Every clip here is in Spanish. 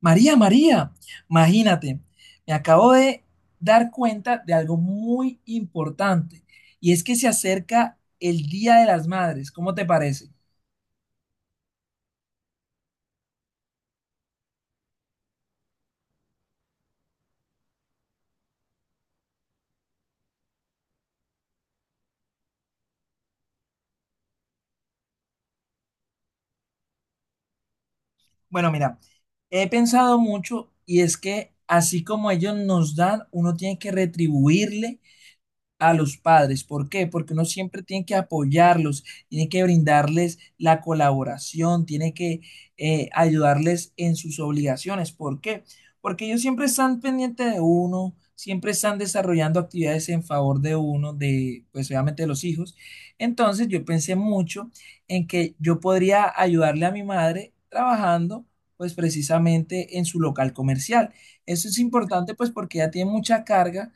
María, María, imagínate, me acabo de dar cuenta de algo muy importante y es que se acerca el Día de las Madres. ¿Cómo te parece? Bueno, mira, he pensado mucho y es que así como ellos nos dan, uno tiene que retribuirle a los padres. ¿Por qué? Porque uno siempre tiene que apoyarlos, tiene que brindarles la colaboración, tiene que ayudarles en sus obligaciones. ¿Por qué? Porque ellos siempre están pendientes de uno, siempre están desarrollando actividades en favor de uno, de, pues obviamente de los hijos. Entonces yo pensé mucho en que yo podría ayudarle a mi madre trabajando, pues precisamente en su local comercial. Eso es importante, pues porque ella tiene mucha carga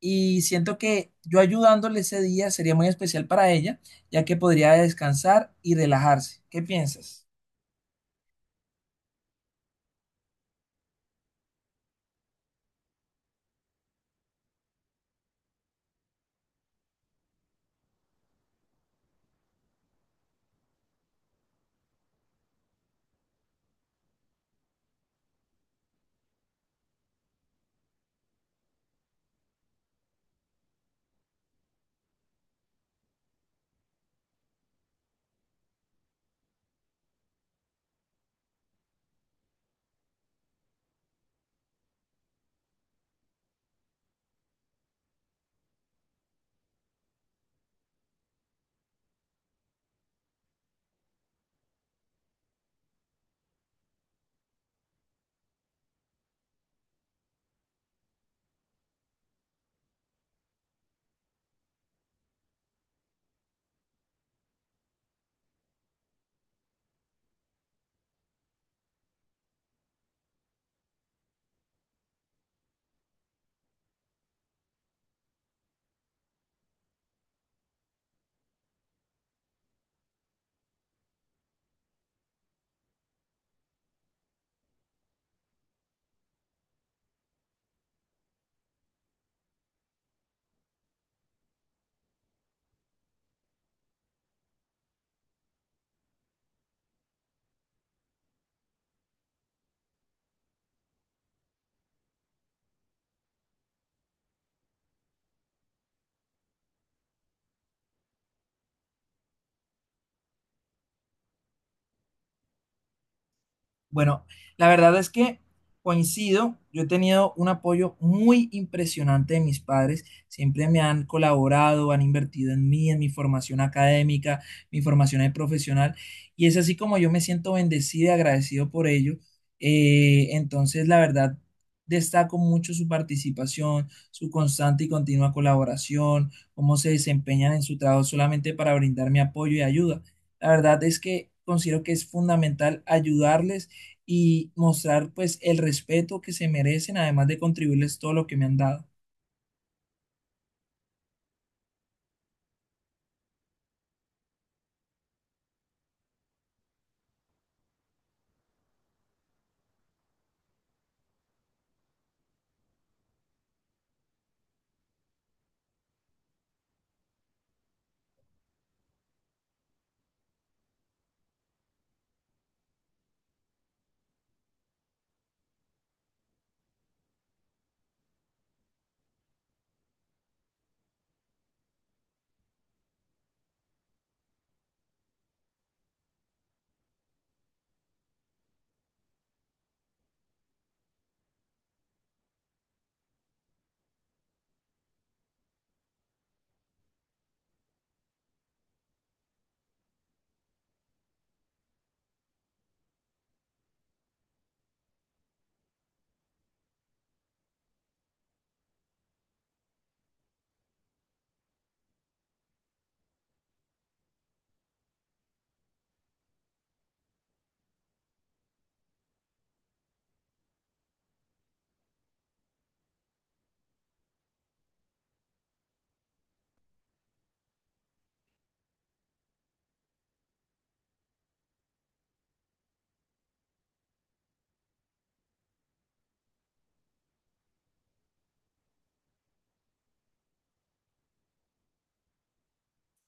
y siento que yo ayudándole ese día sería muy especial para ella, ya que podría descansar y relajarse. ¿Qué piensas? Bueno, la verdad es que coincido, yo he tenido un apoyo muy impresionante de mis padres, siempre me han colaborado, han invertido en mí, en mi formación académica, mi formación de profesional, y es así como yo me siento bendecido y agradecido por ello. Entonces, la verdad, destaco mucho su participación, su constante y continua colaboración, cómo se desempeñan en su trabajo solamente para brindarme apoyo y ayuda. La verdad es que considero que es fundamental ayudarles y mostrar pues el respeto que se merecen, además de contribuirles todo lo que me han dado.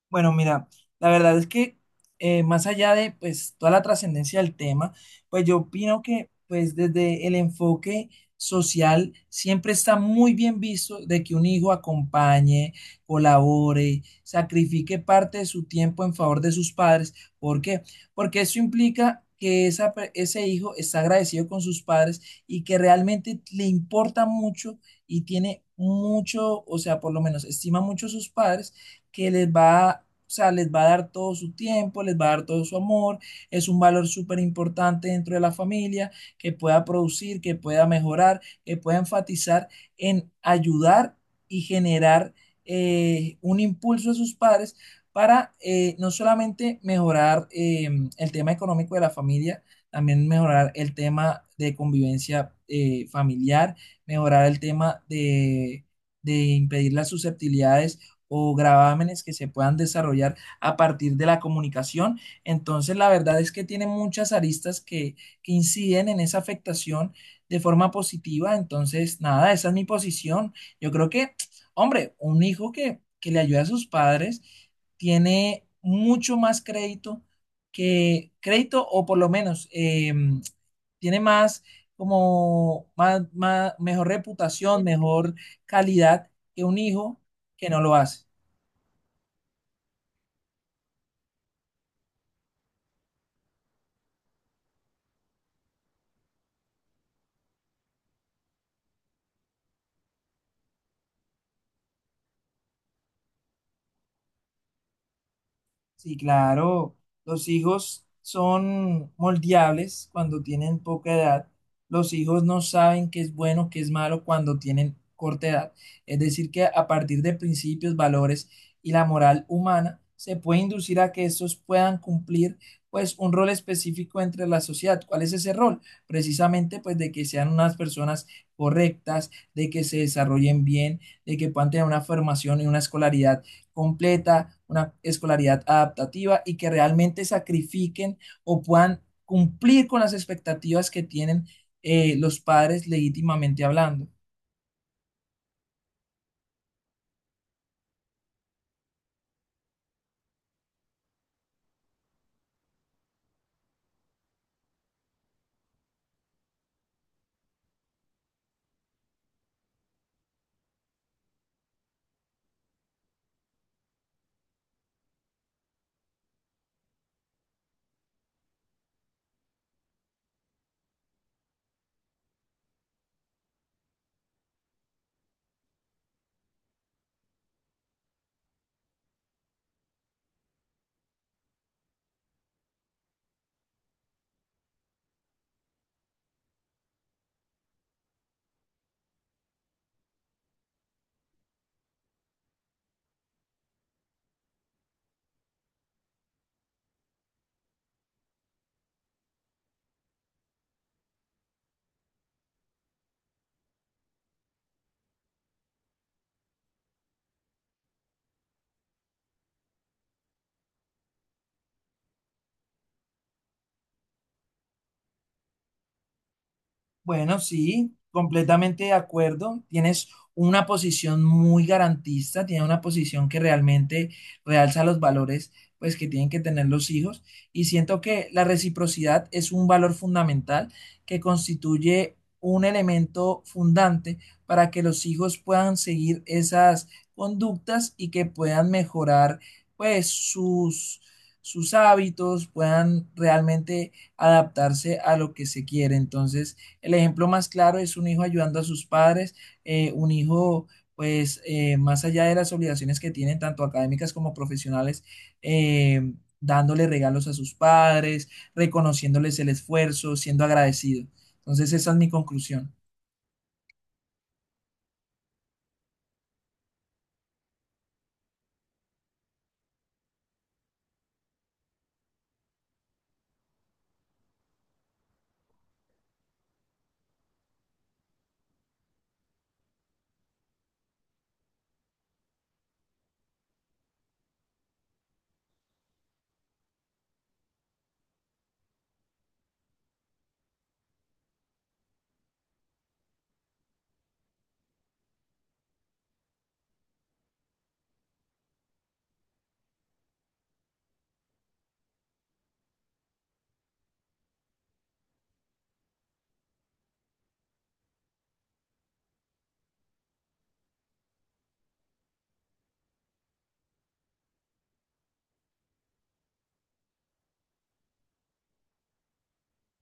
Bueno, mira, la verdad es que más allá de pues toda la trascendencia del tema, pues yo opino que pues desde el enfoque social siempre está muy bien visto de que un hijo acompañe, colabore, sacrifique parte de su tiempo en favor de sus padres. ¿Por qué? Porque eso implica que ese hijo está agradecido con sus padres y que realmente le importa mucho y tiene mucho, o sea, por lo menos estima mucho a sus padres que les va, a, o sea, les va a dar todo su tiempo, les va a dar todo su amor, es un valor súper importante dentro de la familia, que pueda producir, que pueda mejorar, que pueda enfatizar en ayudar y generar un impulso a sus padres para no solamente mejorar el tema económico de la familia, también mejorar el tema de convivencia familiar, mejorar el tema de impedir las susceptibilidades o gravámenes que se puedan desarrollar a partir de la comunicación. Entonces, la verdad es que tiene muchas aristas que inciden en esa afectación de forma positiva. Entonces, nada, esa es mi posición. Yo creo que, hombre, un hijo que le ayuda a sus padres tiene mucho más crédito que crédito o por lo menos tiene más como mejor reputación, mejor calidad que un hijo que no lo hace. Sí, claro, los hijos son moldeables cuando tienen poca edad. Los hijos no saben qué es bueno, qué es malo cuando tienen corta edad. Es decir, que a partir de principios, valores y la moral humana, se puede inducir a que estos puedan cumplir pues un rol específico entre la sociedad. ¿Cuál es ese rol? Precisamente pues de que sean unas personas correctas, de que se desarrollen bien, de que puedan tener una formación y una escolaridad completa, una escolaridad adaptativa y que realmente sacrifiquen o puedan cumplir con las expectativas que tienen los padres legítimamente hablando. Bueno, sí, completamente de acuerdo. Tienes una posición muy garantista, tienes una posición que realmente realza los valores pues que tienen que tener los hijos y siento que la reciprocidad es un valor fundamental que constituye un elemento fundante para que los hijos puedan seguir esas conductas y que puedan mejorar pues sus hábitos, puedan realmente adaptarse a lo que se quiere. Entonces, el ejemplo más claro es un hijo ayudando a sus padres, un hijo, pues, más allá de las obligaciones que tienen, tanto académicas como profesionales, eh, dándole regalos a sus padres, reconociéndoles el esfuerzo, siendo agradecido. Entonces, esa es mi conclusión.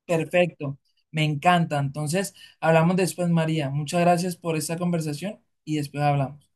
Perfecto, me encanta. Entonces, hablamos después, María. Muchas gracias por esta conversación y después hablamos.